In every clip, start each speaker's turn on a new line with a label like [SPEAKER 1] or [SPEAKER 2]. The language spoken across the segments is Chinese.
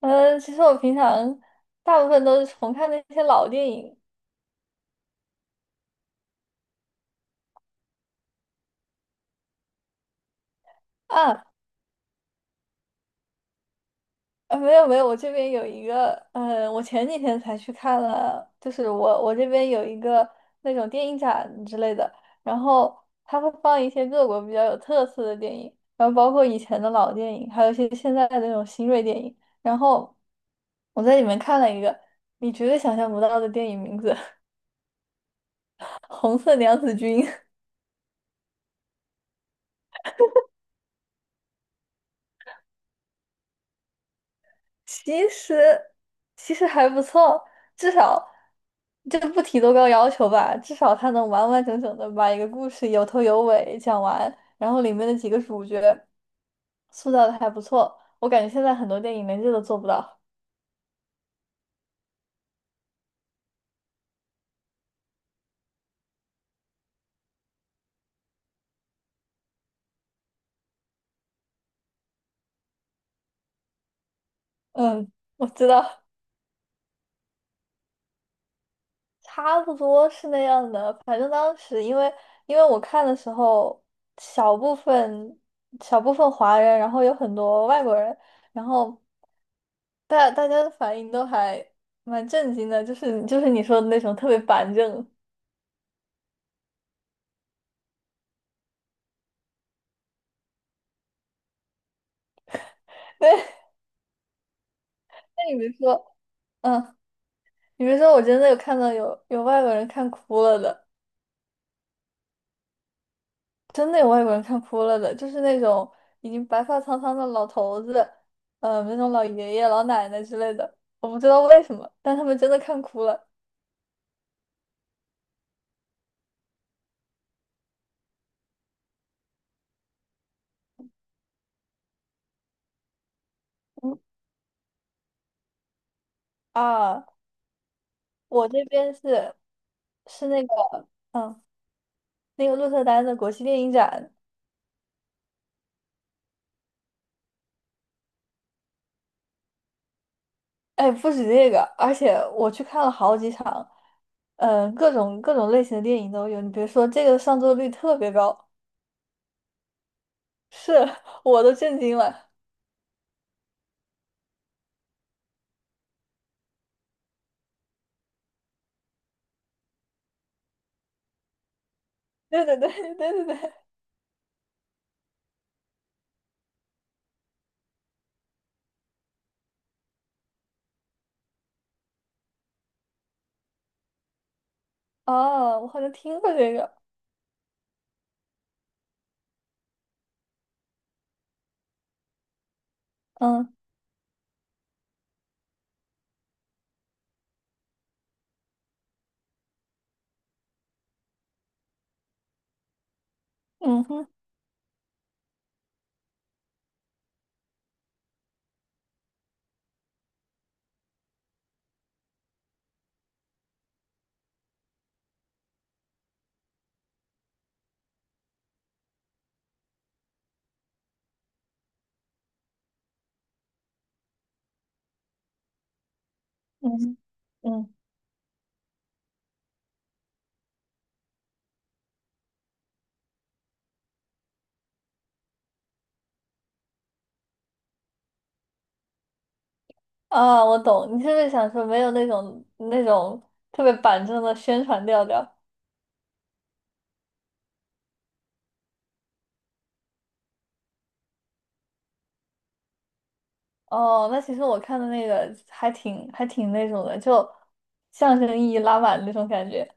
[SPEAKER 1] 嗯，其实我平常大部分都是重看那些老电影啊。没有没有，我这边有一个，我前几天才去看了，就是我这边有一个那种电影展之类的，然后它会放一些各国比较有特色的电影，然后包括以前的老电影，还有一些现在的那种新锐电影，然后我在里面看了一个你绝对想象不到的电影名字，《红色娘子军》。其实其实还不错，至少这不提多高要求吧，至少他能完完整整的把一个故事有头有尾讲完，然后里面的几个主角塑造的还不错，我感觉现在很多电影连这都做不到。嗯，我知道。差不多是那样的。反正当时因为我看的时候，小部分小部分华人，然后有很多外国人，然后大家的反应都还蛮震惊的，就是你说的那种特别板正。对，那你别说，嗯，你别说，我真的有看到有外国人看哭了的。真的有外国人看哭了的，就是那种已经白发苍苍的老头子，那种老爷爷、老奶奶之类的，我不知道为什么，但他们真的看哭了。嗯。啊，我这边是那个，嗯，那个鹿特丹的国际电影展。哎，不止这个，而且我去看了好几场，各种类型的电影都有。你别说，这个上座率特别高，是 我都震惊了。对对对对对对。哦，我好像听过这个。嗯。嗯哼。嗯。嗯啊，我懂，你是不是想说没有那种特别板正的宣传调调？哦，那其实我看的那个还挺那种的，就象征意义拉满那种感觉。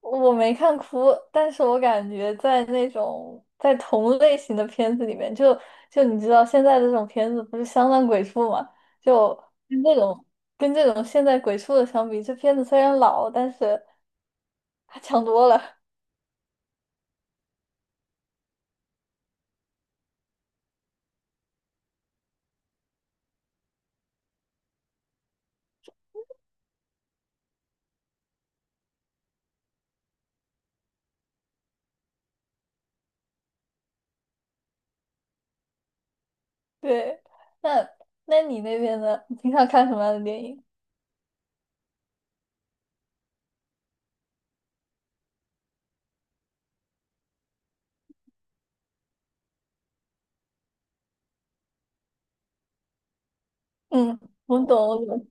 [SPEAKER 1] 我没看哭，但是我感觉在那种在同类型的片子里面，就就你知道现在的这种片子不是相当鬼畜嘛？就跟这种跟这种现在鬼畜的相比，这片子虽然老，但是还强多了。对，那那你那边呢？你平常看什么样的电影？嗯，我懂，我懂。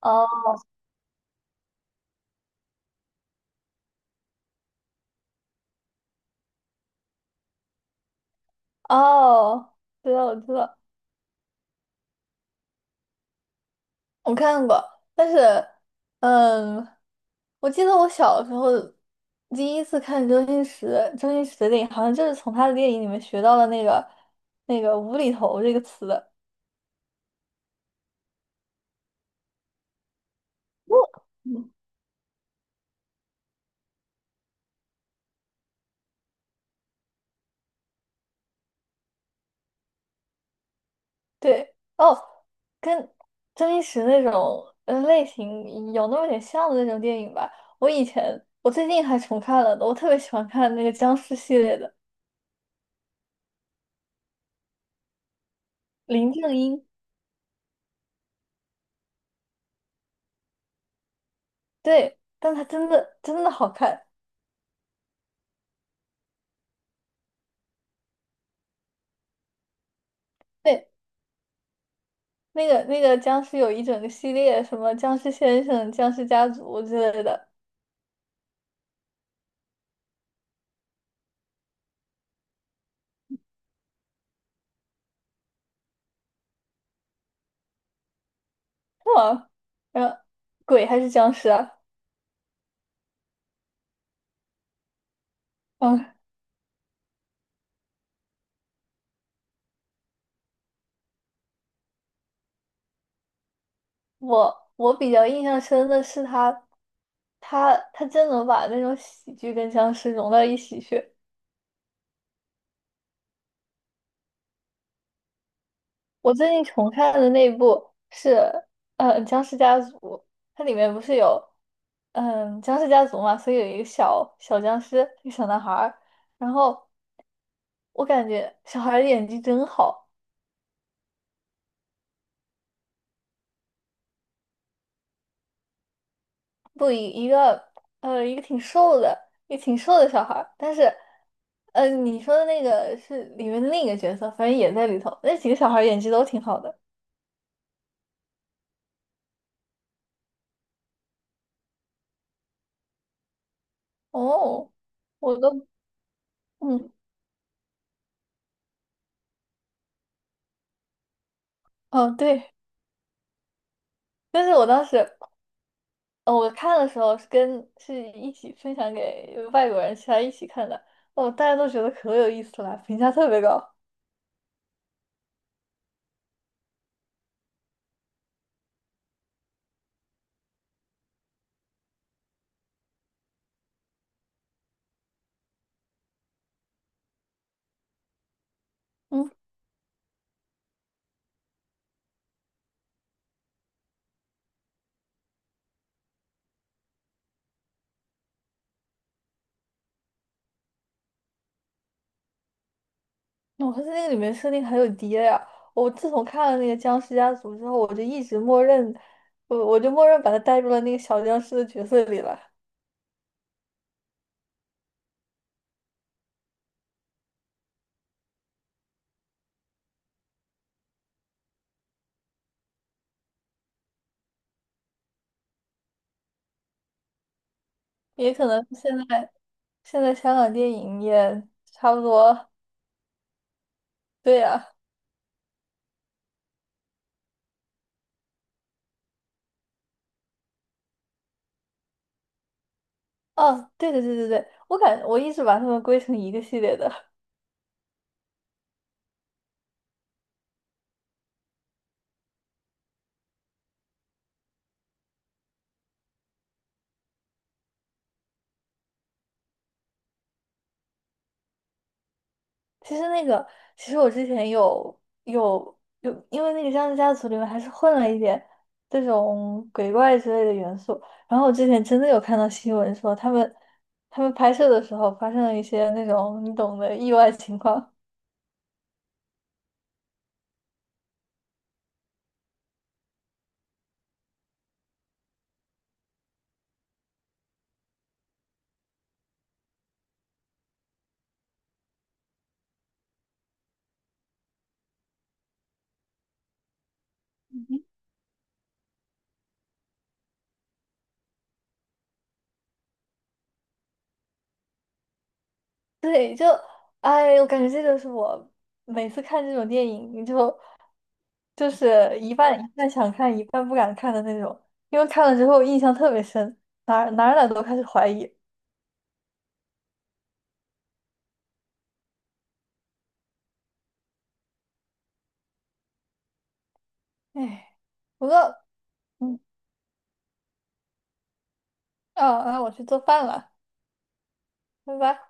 [SPEAKER 1] 哦。哦，知道，我知道，我看过，但是，嗯，我记得我小时候第一次看周星驰，周星驰的电影，好像就是从他的电影里面学到了那个无厘头这个词的。嗯。对哦，跟周星驰那种类型有那么点像的那种电影吧。我以前我最近还重看了的，我特别喜欢看那个僵尸系列的《林正英》。对，但他真的真的好看。对，那个僵尸有一整个系列，什么僵尸先生、僵尸家族之类的。哇，后鬼还是僵尸啊？嗯。我我比较印象深的是他，他真能把那种喜剧跟僵尸融到一起去。我最近重看的那部是《僵尸家族》，它里面不是有僵尸家族嘛，所以有一个小小僵尸，一个小男孩儿，然后我感觉小孩儿的演技真好。不一个一个挺瘦的，也挺瘦的小孩儿，但是你说的那个是里面的另一个角色，反正也在里头。那几个小孩儿演技都挺好的。哦，我都嗯哦对。但是我当时我看的时候是跟是一起分享给外国人，其他一起看的，哦大家都觉得可有意思了，评价特别高。嗯。我发现那个里面设定很有爹呀、我自从看了那个《僵尸家族》之后，我就一直默认，我就默认把他带入了那个小僵尸的角色里了。也可能现在香港电影也差不多。对呀、哦，对对对对对，我一直把他们归成一个系列的。其实那个，其实我之前有，因为那个《僵尸家族》里面还是混了一点这种鬼怪之类的元素。然后我之前真的有看到新闻说，他们拍摄的时候发生了一些那种你懂的意外情况。对，就哎，我感觉这就是我每次看这种电影，你就就是一半想看，一半不敢看的那种，因为看了之后印象特别深，哪儿都开始怀疑。哎，不过。嗯。哦，那我去做饭了，拜拜。